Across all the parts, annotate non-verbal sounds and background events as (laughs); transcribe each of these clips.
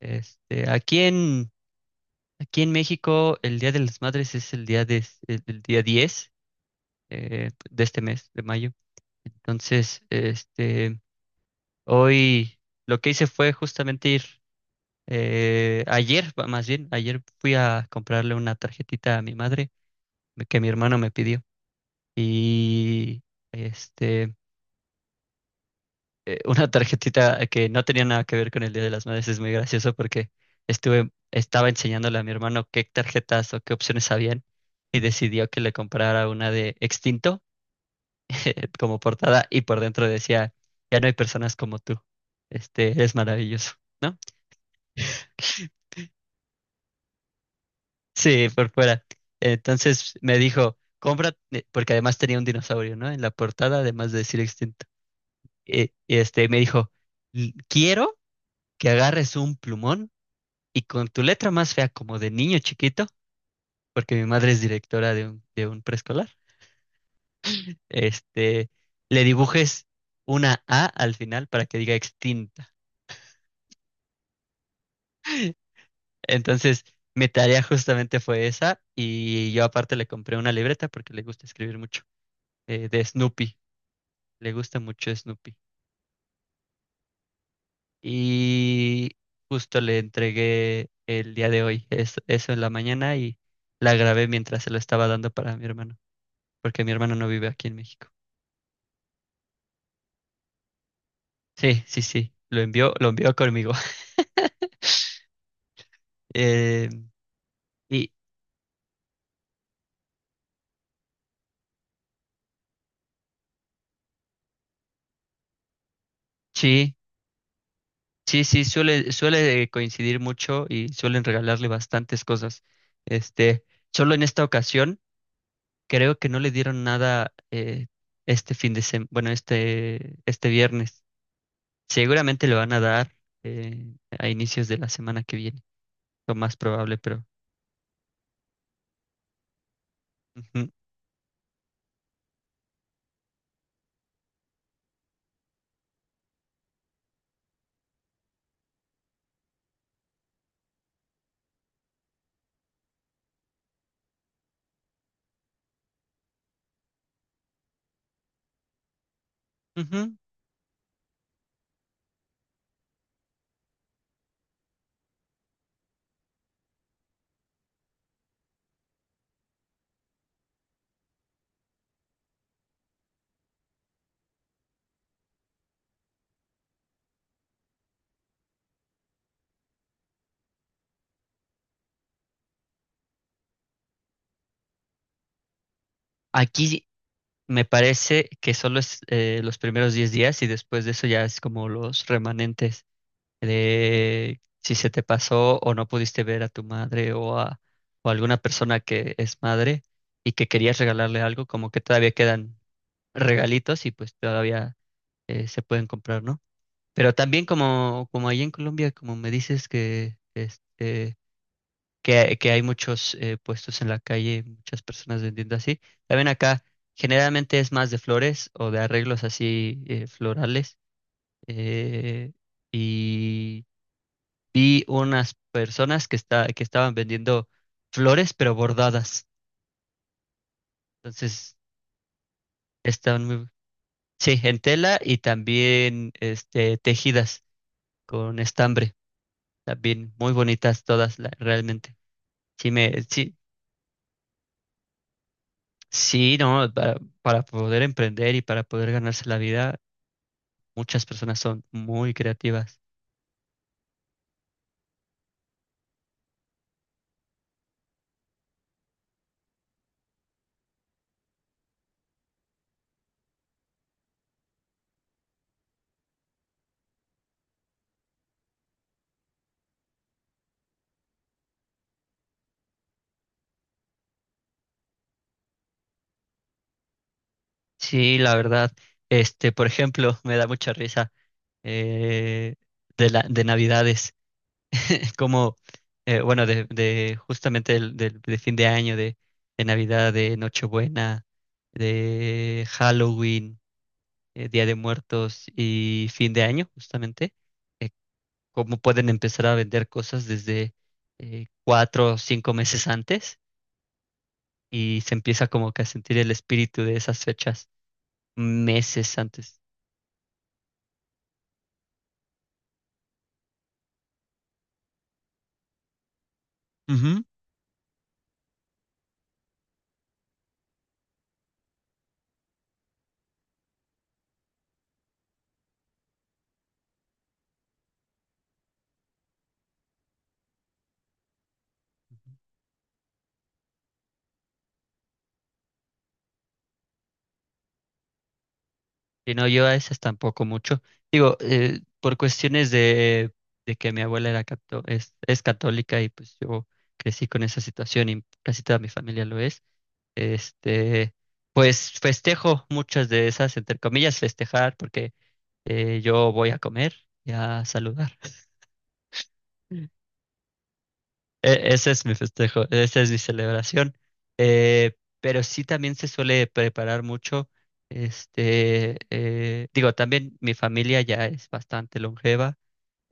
Este, aquí en, aquí en México, el Día de las Madres es el día 10 de este mes, de mayo. Entonces, hoy lo que hice fue justamente ayer, más bien, ayer fui a comprarle una tarjetita a mi madre que mi hermano me pidió. Y este, una tarjetita que no tenía nada que ver con el Día de las Madres. Es muy gracioso porque estaba enseñándole a mi hermano qué tarjetas o qué opciones habían y decidió que le comprara una de Extinto (laughs) como portada y por dentro decía, ya no hay personas como tú. Eres maravilloso. (laughs) Sí, por fuera. Entonces me dijo, compra, porque además tenía un dinosaurio, ¿no? En la portada, además de decir Extinto. Y me dijo: Quiero que agarres un plumón y con tu letra más fea, como de niño chiquito, porque mi madre es directora de un preescolar, este, le dibujes una A al final para que diga extinta." Entonces, mi tarea justamente fue esa, y yo aparte le compré una libreta porque le gusta escribir mucho, de Snoopy, le gusta mucho Snoopy. Y justo le entregué el día de hoy, eso en la mañana, y la grabé mientras se lo estaba dando para mi hermano, porque mi hermano no vive aquí en México. Sí, sí, sí, lo envió conmigo. (laughs) Eh, y sí, sí, sí, suele coincidir mucho y suelen regalarle bastantes cosas. Este, Solo en esta ocasión, creo que no le dieron nada este fin de semana, bueno, este viernes. Seguramente le van a dar eh, a inicios de la semana que viene, lo más probable, pero ujú, ujú. Aquí me parece que solo es los primeros 10 días y después de eso ya es como los remanentes de si se te pasó o no pudiste ver a tu madre o alguna persona que es madre y que querías regalarle algo, como que todavía quedan regalitos y pues todavía se pueden comprar, ¿no? Pero también como, allí en Colombia, como me dices que, que hay muchos puestos en la calle, muchas personas vendiendo así, también acá generalmente es más de flores o de arreglos así florales. eh, y vi unas personas que estaban vendiendo flores, pero bordadas. Entonces, están muy. Sí, en tela y también tejidas con estambre. También muy bonitas todas, realmente. Sí, sí, sí, no, para poder emprender y para poder ganarse la vida, muchas personas son muy creativas. Sí, la verdad. Por ejemplo, (laughs) me da mucha risa eh, de Navidades. Como, bueno, de justamente de fin de año, de Navidad, de Nochebuena, de Halloween, Día de Muertos y fin de año, justamente, eh, cómo pueden empezar a vender cosas desde 4 o 5 meses antes y se empieza como que a sentir el espíritu de esas fechas meses antes. Y no, yo a esas tampoco mucho. Digo, por cuestiones de que mi abuela es católica y pues yo crecí con esa situación y casi toda mi familia lo es. Este, pues festejo muchas de esas, entre comillas, festejar, porque yo voy a comer y a saludar. (laughs) Ese es mi festejo, esa es mi celebración. Eh, pero sí también se suele preparar mucho. Digo, también mi familia ya es bastante longeva,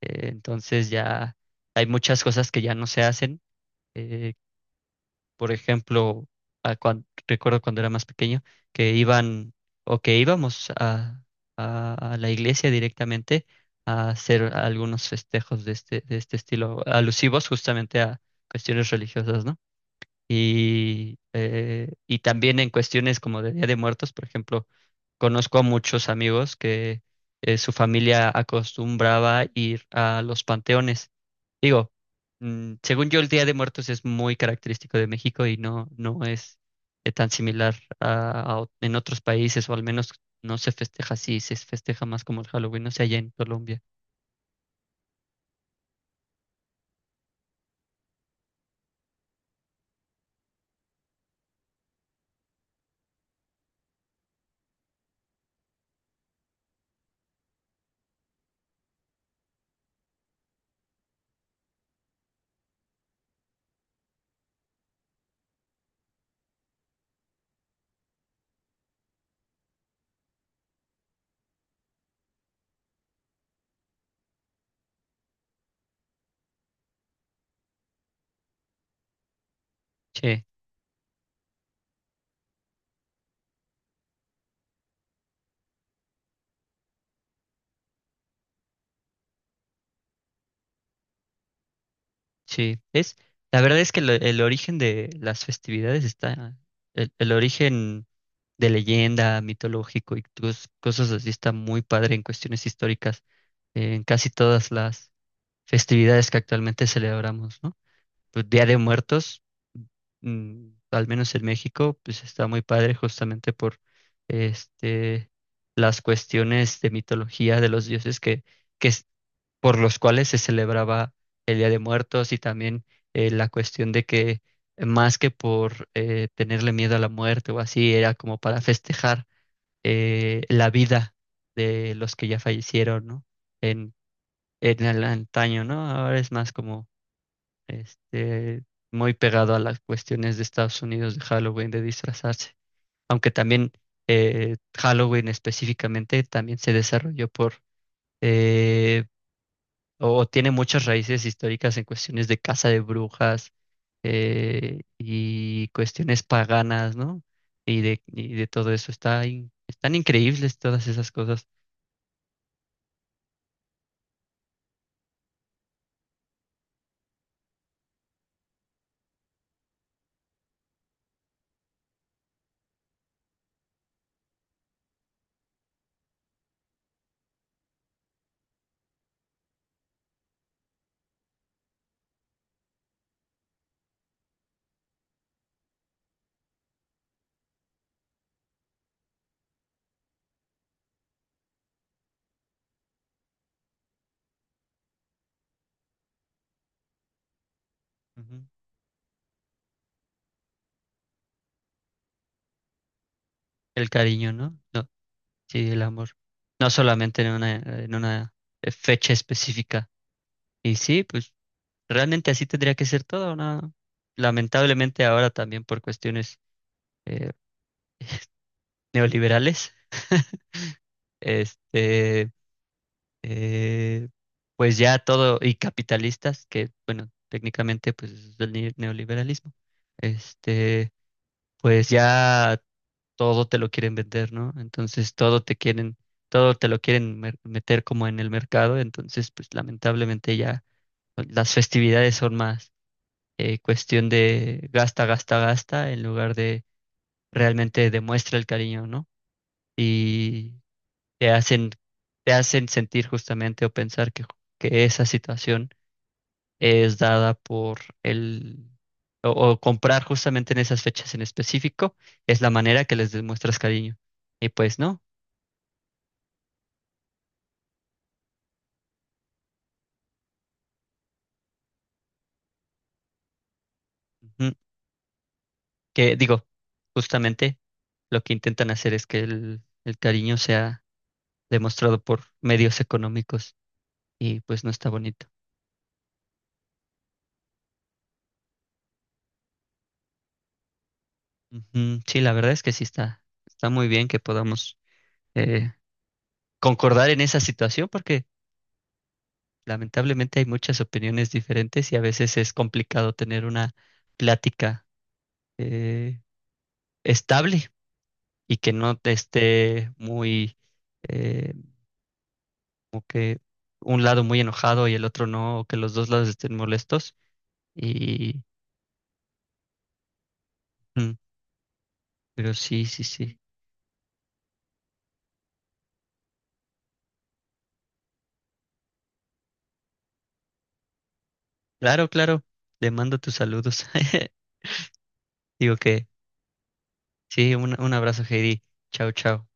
entonces ya hay muchas cosas que ya no se hacen. Eh, por ejemplo, recuerdo cuando era más pequeño que iban o que íbamos a la iglesia directamente a hacer algunos festejos de este estilo, alusivos justamente a cuestiones religiosas, ¿no? Y también en cuestiones como de Día de Muertos, por ejemplo, conozco a muchos amigos que su familia acostumbraba ir a los panteones. Digo, según yo, el Día de Muertos es muy característico de México y no, no es tan similar en otros países, o al menos no se festeja así, se festeja más como el Halloween, no sé, allá en Colombia. Sí, sí. La verdad es que el origen de las festividades está, el origen de leyenda, mitológico y cosas así. Está muy padre en cuestiones históricas, en casi todas las festividades que actualmente celebramos, ¿no? Pues Día de Muertos, al menos en México, pues está muy padre justamente por este, las cuestiones de mitología de los dioses que es- por los cuales se celebraba el Día de Muertos y también la cuestión de que más que por tenerle miedo a la muerte o así, era como para festejar la vida de los que ya fallecieron, ¿no? En, en el antaño, ¿no? Ahora es más como este, muy pegado a las cuestiones de Estados Unidos, de Halloween, de disfrazarse. Aunque también Halloween específicamente también se desarrolló eh, o tiene muchas raíces históricas en cuestiones de caza de brujas y cuestiones paganas, ¿no? Y de todo eso. Está están increíbles todas esas cosas. Ujú. El cariño, ¿no? No, sí, el amor. No solamente en una fecha específica. Y sí, pues realmente así tendría que ser todo, ¿no? Lamentablemente ahora también por cuestiones eh, neoliberales, (laughs) este, eh, pues ya todo, y capitalistas, que bueno, técnicamente pues es el neoliberalismo, este, pues ya todo te lo quieren vender, ¿no? Entonces todo te quieren, todo te lo quieren meter como en el mercado, entonces pues lamentablemente ya pues, las festividades son más cuestión de gasta, gasta, gasta, en lugar de realmente demuestra el cariño, ¿no? Y te hacen, te hacen sentir justamente o pensar que esa situación es dada por el. O comprar justamente en esas fechas en específico es la manera que les demuestras cariño. Y pues no. Ujú. Que digo, justamente lo que intentan hacer es que el cariño sea demostrado por medios económicos y pues no está bonito. Ujú, sí, la verdad es que sí está muy bien que podamos eh, concordar en esa situación porque lamentablemente hay muchas opiniones diferentes y a veces es complicado tener una plática eh, estable y que no te esté muy, eh, como que un lado muy enojado y el otro no, o que los dos lados estén molestos. Y, mm, pero sí, sí, sí. Claro, claro. Le mando tus saludos. (laughs) Digo que sí, un abrazo, Heidi. Chao, chao.